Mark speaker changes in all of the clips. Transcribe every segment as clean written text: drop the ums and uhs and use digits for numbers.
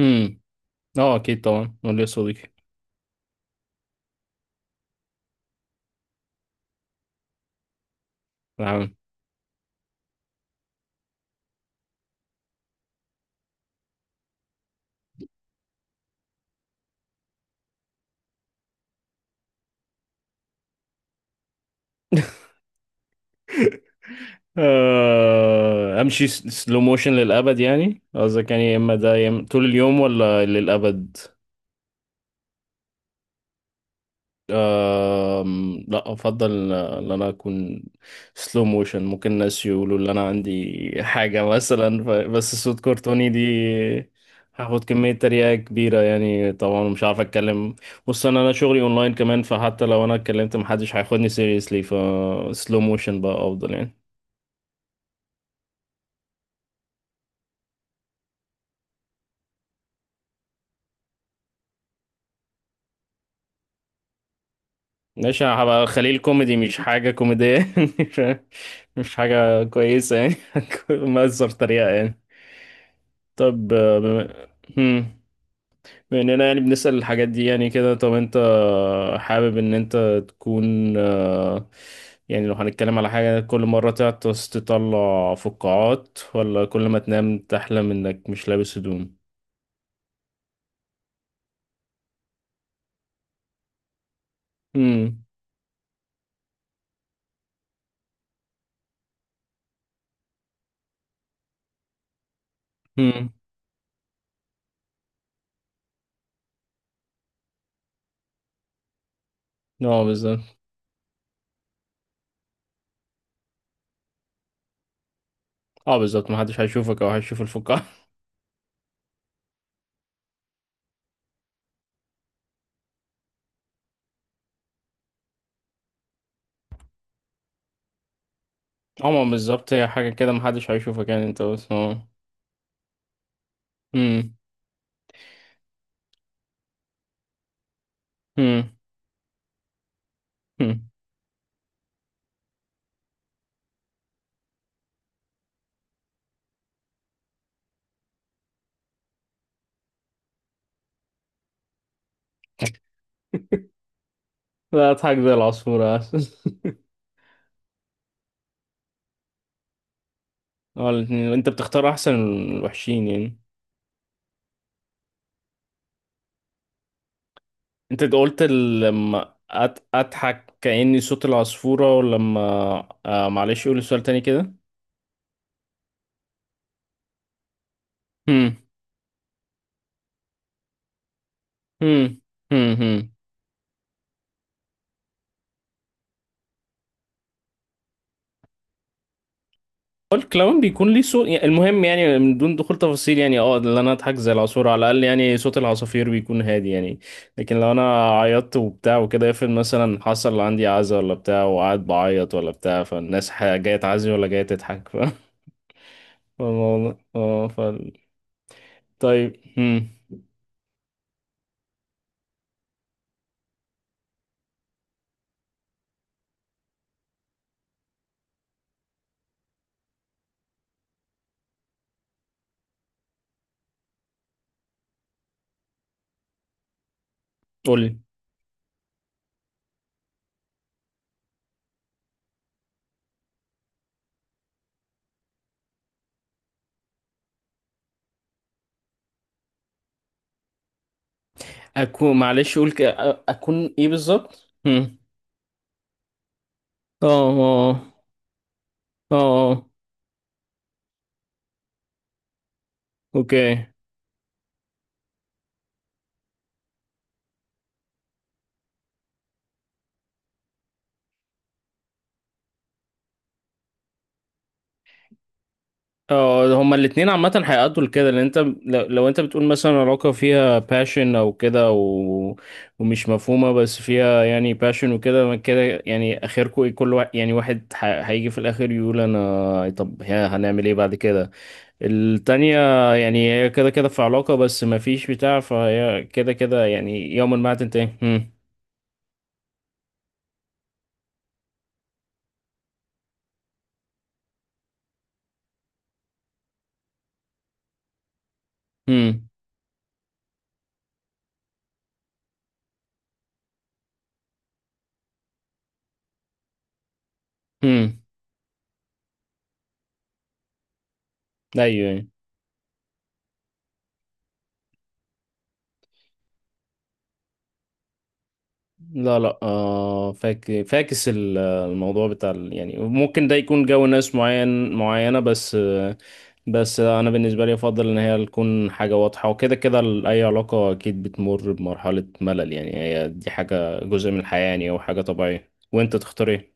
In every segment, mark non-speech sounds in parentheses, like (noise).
Speaker 1: امم اه اكيد طبعا قول لي يا صديقي. نعم. آه، امشي سلو موشن للابد، يعني قصدك يعني يا اما ده طول اليوم ولا للابد؟ لا افضل، ان انا اكون سلو موشن. ممكن الناس يقولوا ان انا عندي حاجه مثلا، بس صوت كرتوني دي هاخد كميه تريقه كبيره، يعني طبعا مش عارف اتكلم. بص انا شغلي اونلاين كمان، فحتى لو انا اتكلمت محدش هياخدني سيريسلي، فسلو موشن بقى افضل يعني. ماشي انا هبقى خليل كوميدي مش حاجة كوميدية (laughs) مش مش حاجة كويسة يعني. (laughs) مأثر طريقة يعني. طب هم، بما اننا يعني بنسأل الحاجات دي يعني كده، طب انت حابب ان انت تكون يعني لو هنتكلم على حاجة، كل مرة تعطس تطلع فقاعات، ولا كل ما تنام تحلم انك مش لابس هدوم؟ هم. هم. اه بالظبط. اه بالظبط، محدش هيشوفك او هيشوف الفقاعة. هما بالظبط هي حاجة كده محدش هيشوفك يعني انت بس هو. مم. مم. مم. لا اضحك زي العصفورة (laughs) اه الاتنين، انت بتختار احسن الوحشين يعني. انت قلت لما اضحك كأني صوت العصفورة ولما، آه معلش قول السؤال تاني كده. مم. مم. مم. مم. الكلاون بيكون ليه صوت يعني، المهم يعني من دون دخول تفاصيل، يعني اه اللي انا اضحك زي العصفور على الاقل، يعني صوت العصافير بيكون هادي يعني. لكن لو انا عيطت وبتاع وكده، افرض مثلا حصل عندي عزا ولا بتاع وقعد بعيط ولا بتاع، فالناس جايه تعزي ولا جايه تضحك (laughs) فالموضوع- اه ف طيب قولي. معلش قول اكون ايه بالظبط. هم. اه اه اه آه. اوكي. اه هما الاتنين عامة هيأدوا لكده، لان انت لو انت بتقول مثلا علاقة فيها passion او كده ومش مفهومة، بس فيها يعني passion وكده ما كده، يعني اخركم ايه؟ كل واحد يعني واحد هيجي في الاخر يقول انا، طب ها هنعمل ايه بعد كده؟ التانية يعني هي كده كده في علاقة بس ما فيش بتاع، فهي كده كده يعني يوما ما هتنتهي. هم. هم. هم. ايوه. لا لا آه، فاكس الموضوع بتاع يعني ممكن ده يكون جو ناس معين معينة بس آه. بس أنا بالنسبة لي أفضل إن هي تكون حاجة واضحة، وكده كده أي علاقة أكيد بتمر بمرحلة ملل، يعني هي دي حاجة جزء من الحياة، يعني أو حاجة طبيعية، وأنت تختار إيه.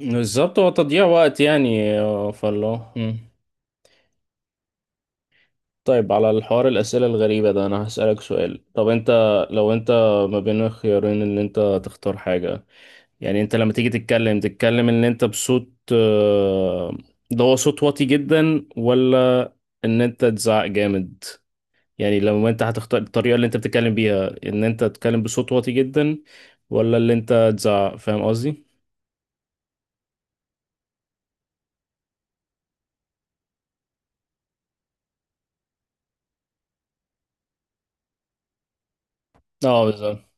Speaker 1: بالظبط، هو تضييع وقت يعني فالله. مم. طيب على الحوار الأسئلة الغريبة ده، أنا هسألك سؤال. طب أنت لو أنت ما بين الخيارين، إن أنت تختار حاجة يعني، انت لما تيجي تتكلم ان انت بصوت ده هو صوت واطي جدا، ولا ان انت تزعق جامد. يعني لما انت هتختار الطريقة اللي انت بتتكلم بيها، ان انت تتكلم بصوت واطي جدا ولا اللي انت تزعق، فاهم قصدي؟ اه بالظبط.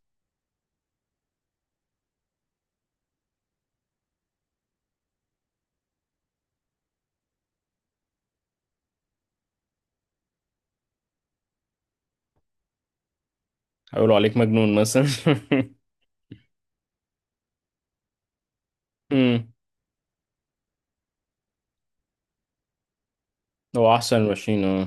Speaker 1: هيقولوا عليك مجنون مثلا (laughs) امم هو احسن ماشيين اه.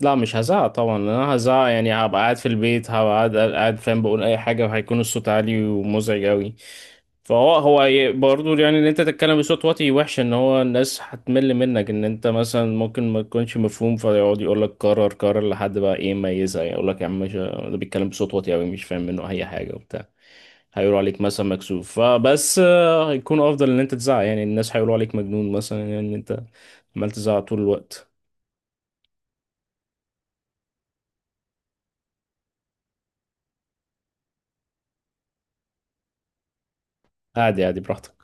Speaker 1: لا مش هزعق طبعا، لأن انا هزعق يعني هبقى قاعد في البيت، هبقى قاعد فاهم، بقول اي حاجه وهيكون الصوت عالي ومزعج قوي. فهو برضو يعني ان انت تتكلم بصوت واطي وحش، ان هو الناس هتمل منك، ان انت مثلا ممكن ما تكونش مفهوم، فيقعد يقول لك كرر كرر لحد بقى ايه ما يزهق، يقول لك يا عم مش ده بيتكلم بصوت واطي قوي مش فاهم منه اي حاجه وبتاع. هيقولوا عليك مثلا مكسوف، فبس هيكون افضل ان انت تزعق، يعني الناس هيقولوا عليك مجنون مثلا يعني، ان انت عمال تزعق طول الوقت. عادي عادي براحتك.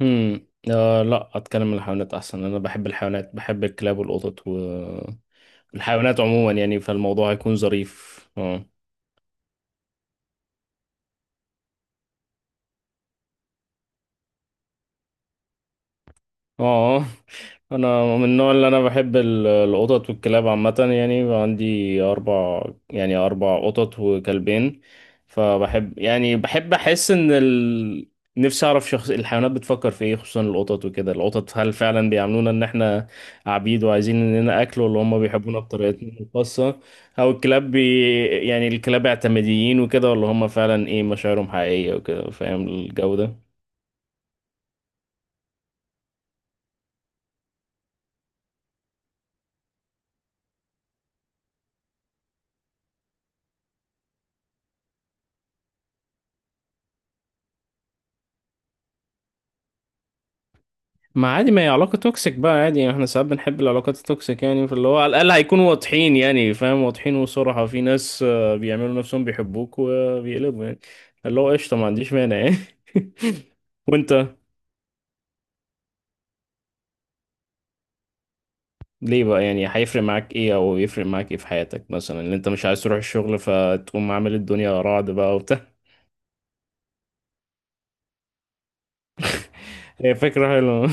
Speaker 1: آه لا، اتكلم عن الحيوانات احسن، انا بحب الحيوانات، بحب الكلاب والقطط والحيوانات عموما يعني، فالموضوع هيكون ظريف اه. اه انا من النوع اللي انا بحب القطط والكلاب عامه، يعني عندي اربع، يعني 4 قطط وكلبين. فبحب يعني بحب احس ان نفسي اعرف شخص الحيوانات بتفكر في ايه، خصوصا القطط وكده، القطط هل فعلا بيعاملونا ان احنا عبيد وعايزين اننا اكل، ولا هم بيحبونا بطريقتنا الخاصه. او الكلاب يعني الكلاب اعتماديين وكده، ولا هم فعلا ايه مشاعرهم حقيقيه وكده، فاهم الجو ده. ما عادي، ما هي علاقة توكسيك بقى عادي يعني، احنا ساعات بنحب العلاقات التوكسيك يعني، فاللي هو على الأقل هيكونوا واضحين يعني، فاهم واضحين، وصراحة في ناس بيعملوا نفسهم بيحبوك وبيقلبوا يعني. اللي هو قشطة ما عنديش مانع يعني (laughs) وانت ليه بقى، يعني هيفرق معاك ايه او يفرق معاك ايه في حياتك مثلا، ان انت مش عايز تروح الشغل فتقوم عامل الدنيا رعد بقى وبتاع؟ (laughs) هي فكرة حلوة.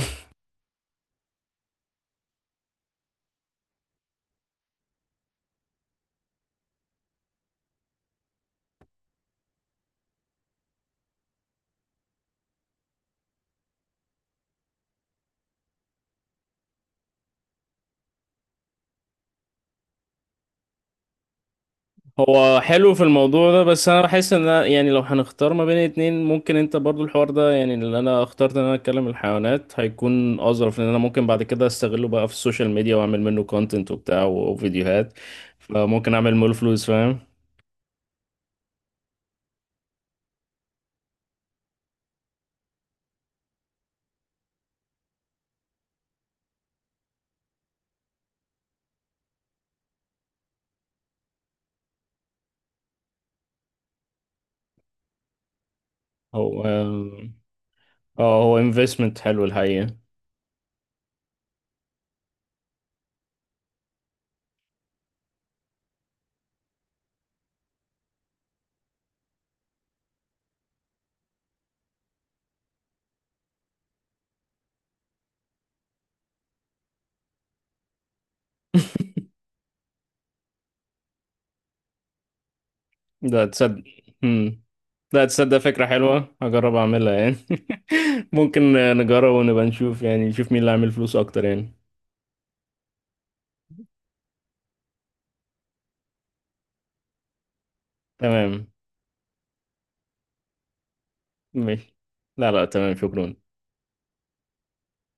Speaker 1: هو حلو في الموضوع ده، بس انا بحس ان أنا يعني لو هنختار ما بين اتنين ممكن انت برضو، الحوار ده يعني اللي انا اخترت ان انا اتكلم الحيوانات هيكون اظرف، لان انا ممكن بعد كده استغله بقى في السوشيال ميديا واعمل منه كونتنت وبتاع وفيديوهات، فممكن اعمل منه فلوس فاهم. هو اه آه، هو انفستمنت حلو الحقيقة. ده تصدق؟ هم. لا تصدق، فكرة حلوة، هجرب اعملها يعني (laughs) ممكن. نجرب ونبقى نشوف يعني، نشوف مين اللي عامل فلوس اكتر يعني. تمام. ماشي. لا لا تمام شكرا.